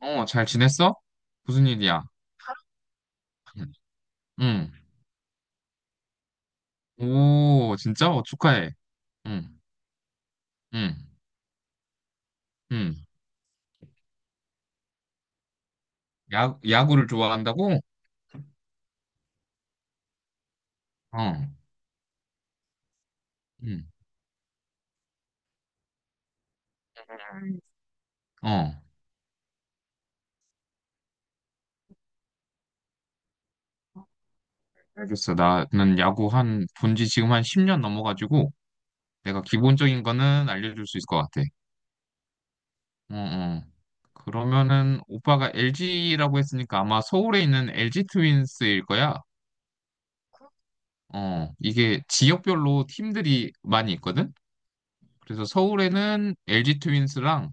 어, 잘 지냈어? 무슨 일이야? 응. 응. 오, 진짜? 어, 축하해. 응, 응, 응. 야, 야구를 좋아한다고? 어, 응, 어. 알겠어. 나는 야구 본지 지금 한 10년 넘어가지고, 내가 기본적인 거는 알려줄 수 있을 것 같아. 어, 어. 그러면은, 오빠가 LG라고 했으니까 아마 서울에 있는 LG 트윈스일 거야. 어, 이게 지역별로 팀들이 많이 있거든? 그래서 서울에는 LG 트윈스랑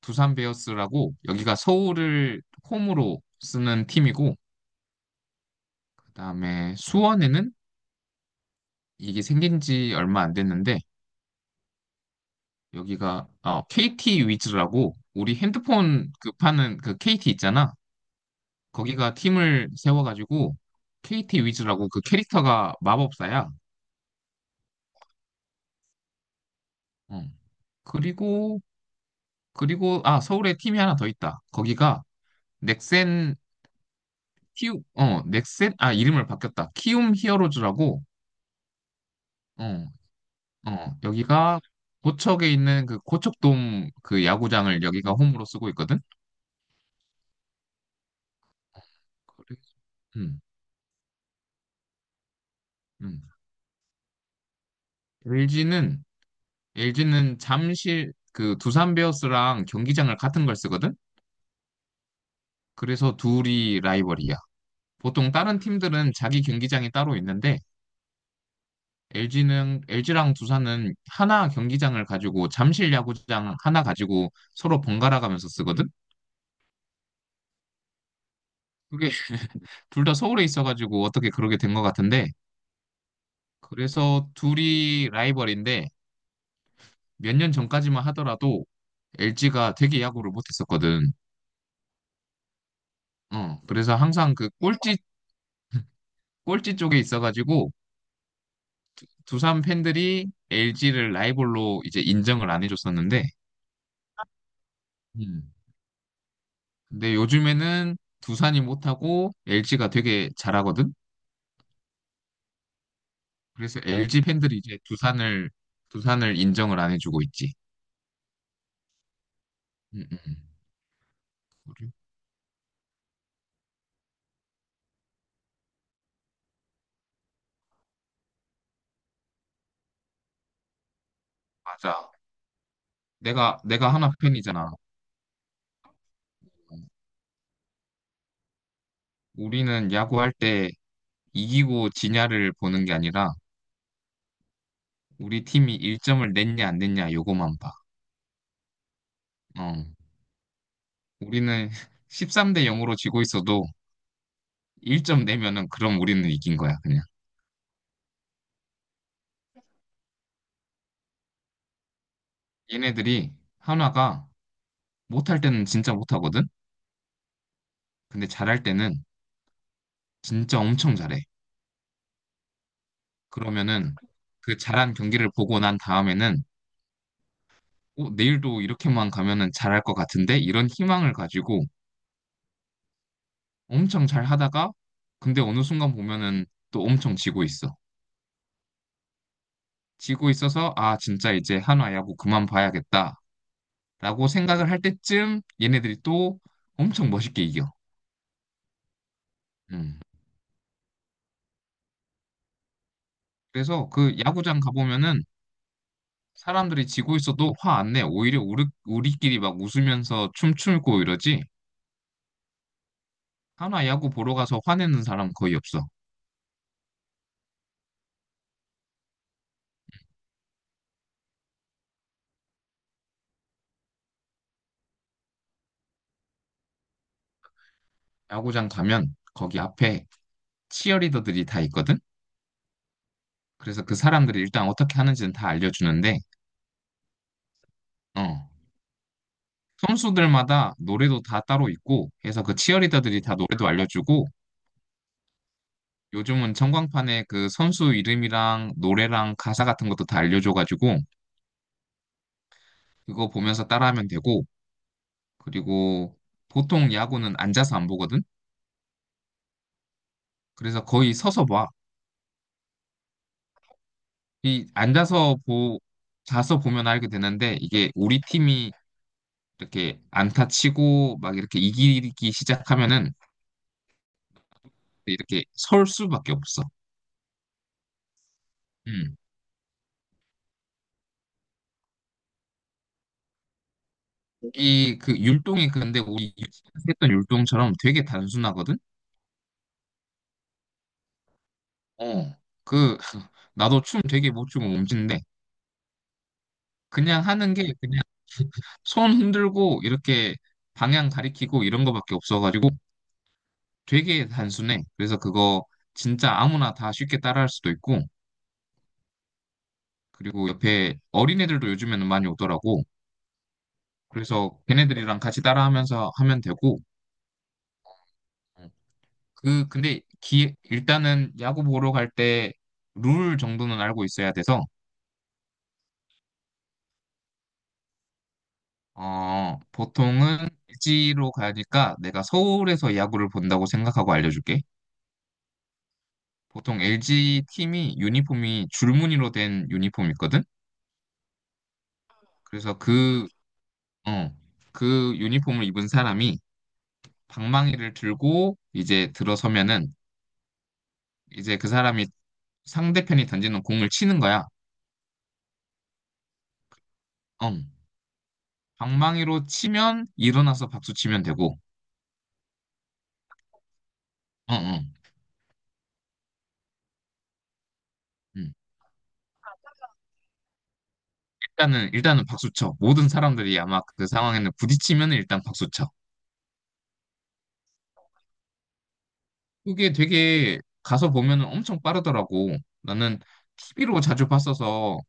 두산 베어스라고 여기가 서울을 홈으로 쓰는 팀이고, 그다음에 수원에는, 이게 생긴 지 얼마 안 됐는데, 여기가 KT 위즈라고, 우리 핸드폰 그 파는 그 KT 있잖아. 거기가 팀을 세워가지고 KT 위즈라고, 그 캐릭터가 마법사야. 어. 그리고 그리고 아, 서울에 팀이 하나 더 있다. 거기가 넥센, 키움, 넥센, 아, 이름을 바뀌었다. 키움 히어로즈라고, 어, 여기가 고척에 있는 그 고척돔 그 야구장을 여기가 홈으로 쓰고 있거든. 그래. 음, 음. LG는 LG는 잠실 그 두산 베어스랑 경기장을 같은 걸 쓰거든. 그래서 둘이 라이벌이야. 보통 다른 팀들은 자기 경기장이 따로 있는데, LG는 LG랑 두산은 하나 경기장을 가지고 잠실 야구장 하나 가지고 서로 번갈아 가면서 쓰거든. 그게 둘 다 서울에 있어가지고 어떻게 그러게 된 것 같은데. 그래서 둘이 라이벌인데, 몇 년 전까지만 하더라도 LG가 되게 야구를 못했었거든. 어, 그래서 항상 그 꼴찌 쪽에 있어가지고 두산 팬들이 LG를 라이벌로 이제 인정을 안 해줬었는데, 음. 근데 요즘에는 두산이 못하고 LG가 되게 잘하거든. 그래서 LG 팬들이 이제 두산을 인정을 안 해주고 있지. 음, 음. 우리- 맞아. 내가 하나 팬이잖아. 우리는 야구할 때 이기고 지냐를 보는 게 아니라 우리 팀이 1점을 냈냐 안 냈냐 요거만 봐. 어. 우리는 13대 0으로 지고 있어도 1점 내면은 그럼 우리는 이긴 거야, 그냥. 얘네들이, 한화가 못할 때는 진짜 못하거든. 근데 잘할 때는 진짜 엄청 잘해. 그러면은 그 잘한 경기를 보고 난 다음에는, 내일도 이렇게만 가면은 잘할 것 같은데 이런 희망을 가지고 엄청 잘 하다가, 근데 어느 순간 보면은 또 엄청 지고 있어. 지고 있어서 아, 진짜 이제 한화야 뭐 그만 봐야겠다라고 생각을 할 때쯤 얘네들이 또 엄청 멋있게 이겨. 음. 그래서 그 야구장 가보면은 사람들이 지고 있어도 화 안 내. 오히려 우리끼리 막 웃으면서 춤추고 이러지. 한화 야구 보러 가서 화내는 사람 거의 없어. 야구장 가면 거기 앞에 치어리더들이 다 있거든. 그래서 그 사람들이 일단 어떻게 하는지는 다 알려주는데, 어. 선수들마다 노래도 다 따로 있고 해서 그 치어리더들이 다 노래도 알려주고 요즘은 청광판에 그 선수 이름이랑 노래랑 가사 같은 것도 다 알려줘가지고 그거 보면서 따라하면 되고, 그리고 보통 야구는 앉아서 안 보거든? 그래서 거의 서서 봐. 이 앉아서 보, 자서 보면 알게 되는데, 이게 우리 팀이 이렇게 안타 치고 막 이렇게 이기기 시작하면은 이렇게 설 수밖에 없어. 음. 이 그 율동이 근데 우리 유치원에서 했던 율동처럼 되게 단순하거든? 어. 그 나도 춤 되게 못 추고 몸짓인데, 그냥 하는 게 그냥 손 흔들고 이렇게 방향 가리키고 이런 거밖에 없어가지고 되게 단순해. 그래서 그거 진짜 아무나 다 쉽게 따라할 수도 있고, 그리고 옆에 어린애들도 요즘에는 많이 오더라고. 그래서 걔네들이랑 같이 따라하면서 하면 되고, 그 근데 기 일단은 야구 보러 갈 때 룰 정도는 알고 있어야 돼서. 보통은 일지로 가니까 내가 서울에서 야구를 본다고 생각하고 알려줄게. 보통 LG 팀이 유니폼이 줄무늬로 된 유니폼이 있거든? 그래서 어, 그 유니폼을 입은 사람이 방망이를 들고 이제 들어서면은, 이제 그 사람이 상대편이 던지는 공을 치는 거야. 어. 방망이로 치면 일어나서 박수 치면 되고, 어, 어. 음. 일단은 박수 쳐. 모든 사람들이 아마 그 상황에는 부딪히면 일단 박수 쳐. 그게 되게 가서 보면은 엄청 빠르더라고. 나는 TV로 자주 봤어서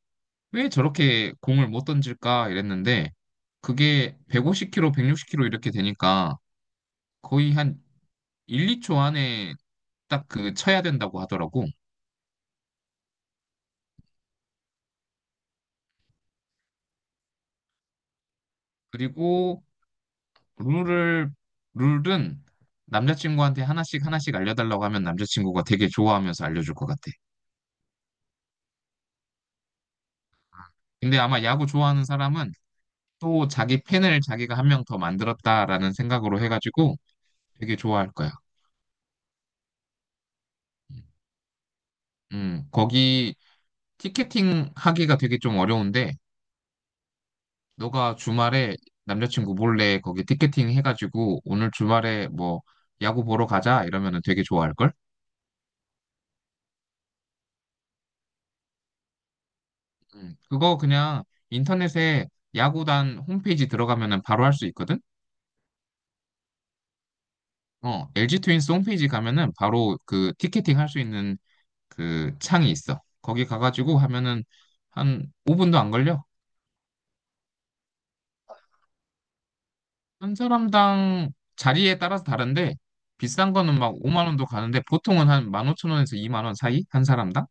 왜 저렇게 공을 못 던질까 이랬는데 그게 150km, 160km 이렇게 되니까 거의 한 1, 2초 안에 딱 그 쳐야 된다고 하더라고. 그리고 룰을 룰은 남자친구한테 하나씩 하나씩 알려달라고 하면 남자친구가 되게 좋아하면서 알려줄 것 같아. 근데 아마 야구 좋아하는 사람은 또 자기 팬을 자기가 한 명 더 만들었다라는 생각으로 해가지고 되게 좋아할 거야. 음, 거기 티켓팅 하기가 되게 좀 어려운데 너가 주말에 남자친구 몰래 거기 티켓팅 해가지고 오늘 주말에 뭐 야구 보러 가자 이러면은 되게 좋아할걸? 음. 그거 그냥 인터넷에 야구단 홈페이지 들어가면은 바로 할 수 있거든? 어, LG 트윈스 홈페이지 가면은 바로 그 티켓팅 할 수 있는 그 창이 있어. 거기 가가지고 하면은 한 5분도 안 걸려. 한 사람당 자리에 따라서 다른데 비싼 거는 막 5만 원도 가는데 보통은 한 15,000원에서 2만 원 사이? 한 사람당?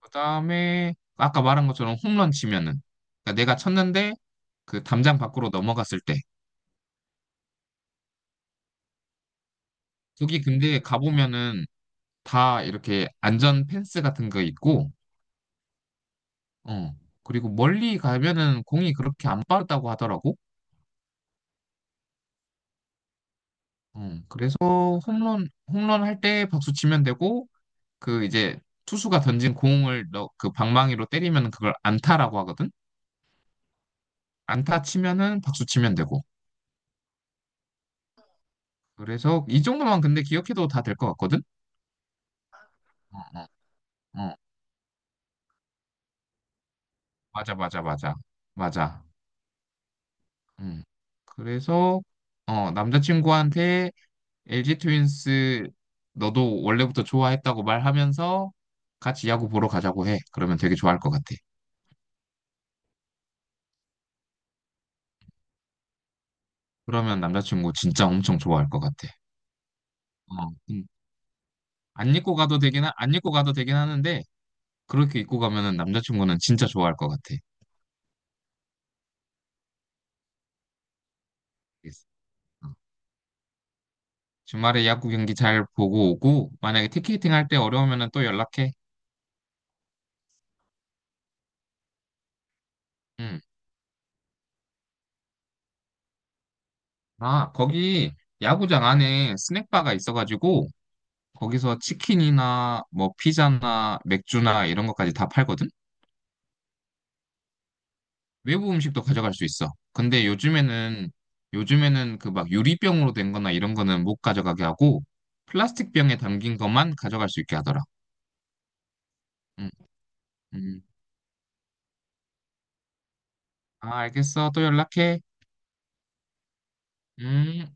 그다음에 아까 말한 것처럼 홈런 치면은, 그러니까 내가 쳤는데 그 담장 밖으로 넘어갔을 때, 거기 근데 가보면은 다 이렇게 안전 펜스 같은 거 있고, 어, 그리고 멀리 가면은 공이 그렇게 안 빠르다고 하더라고. 어, 그래서 홈런 홈런 할 때 박수 치면 되고, 그 이제 투수가 던진 공을 그 방망이로 때리면 그걸 안타라고 하거든. 안타 치면은 박수 치면 되고 그래서 이 정도만 근데 기억해도 다 될 것 같거든. 어, 어. 어. 맞아, 맞아, 맞아. 맞아. 음. 그래서, 남자친구한테 LG 트윈스 너도 원래부터 좋아했다고 말하면서 같이 야구 보러 가자고 해. 그러면 되게 좋아할 것 같아. 그러면 남자친구 진짜 엄청 좋아할 것 같아. 어, 안 입고 가도 되긴, 하, 안 입고 가도 되긴 하는데, 그렇게 입고 가면은 남자친구는 진짜 좋아할 것 같아. 알겠어. 어. 주말에 야구 경기 잘 보고 오고, 만약에 티켓팅 할 때 어려우면은 또 연락해. 음. 아, 거기 야구장 안에 스낵바가 있어가지고 거기서 치킨이나 뭐 피자나 맥주나 이런 것까지 다 팔거든? 외부 음식도 가져갈 수 있어. 근데 요즘에는 그 막 유리병으로 된 거나 이런 거는 못 가져가게 하고 플라스틱 병에 담긴 것만 가져갈 수 있게 하더라. 음, 음. 아, 알겠어. 또 연락해. 음.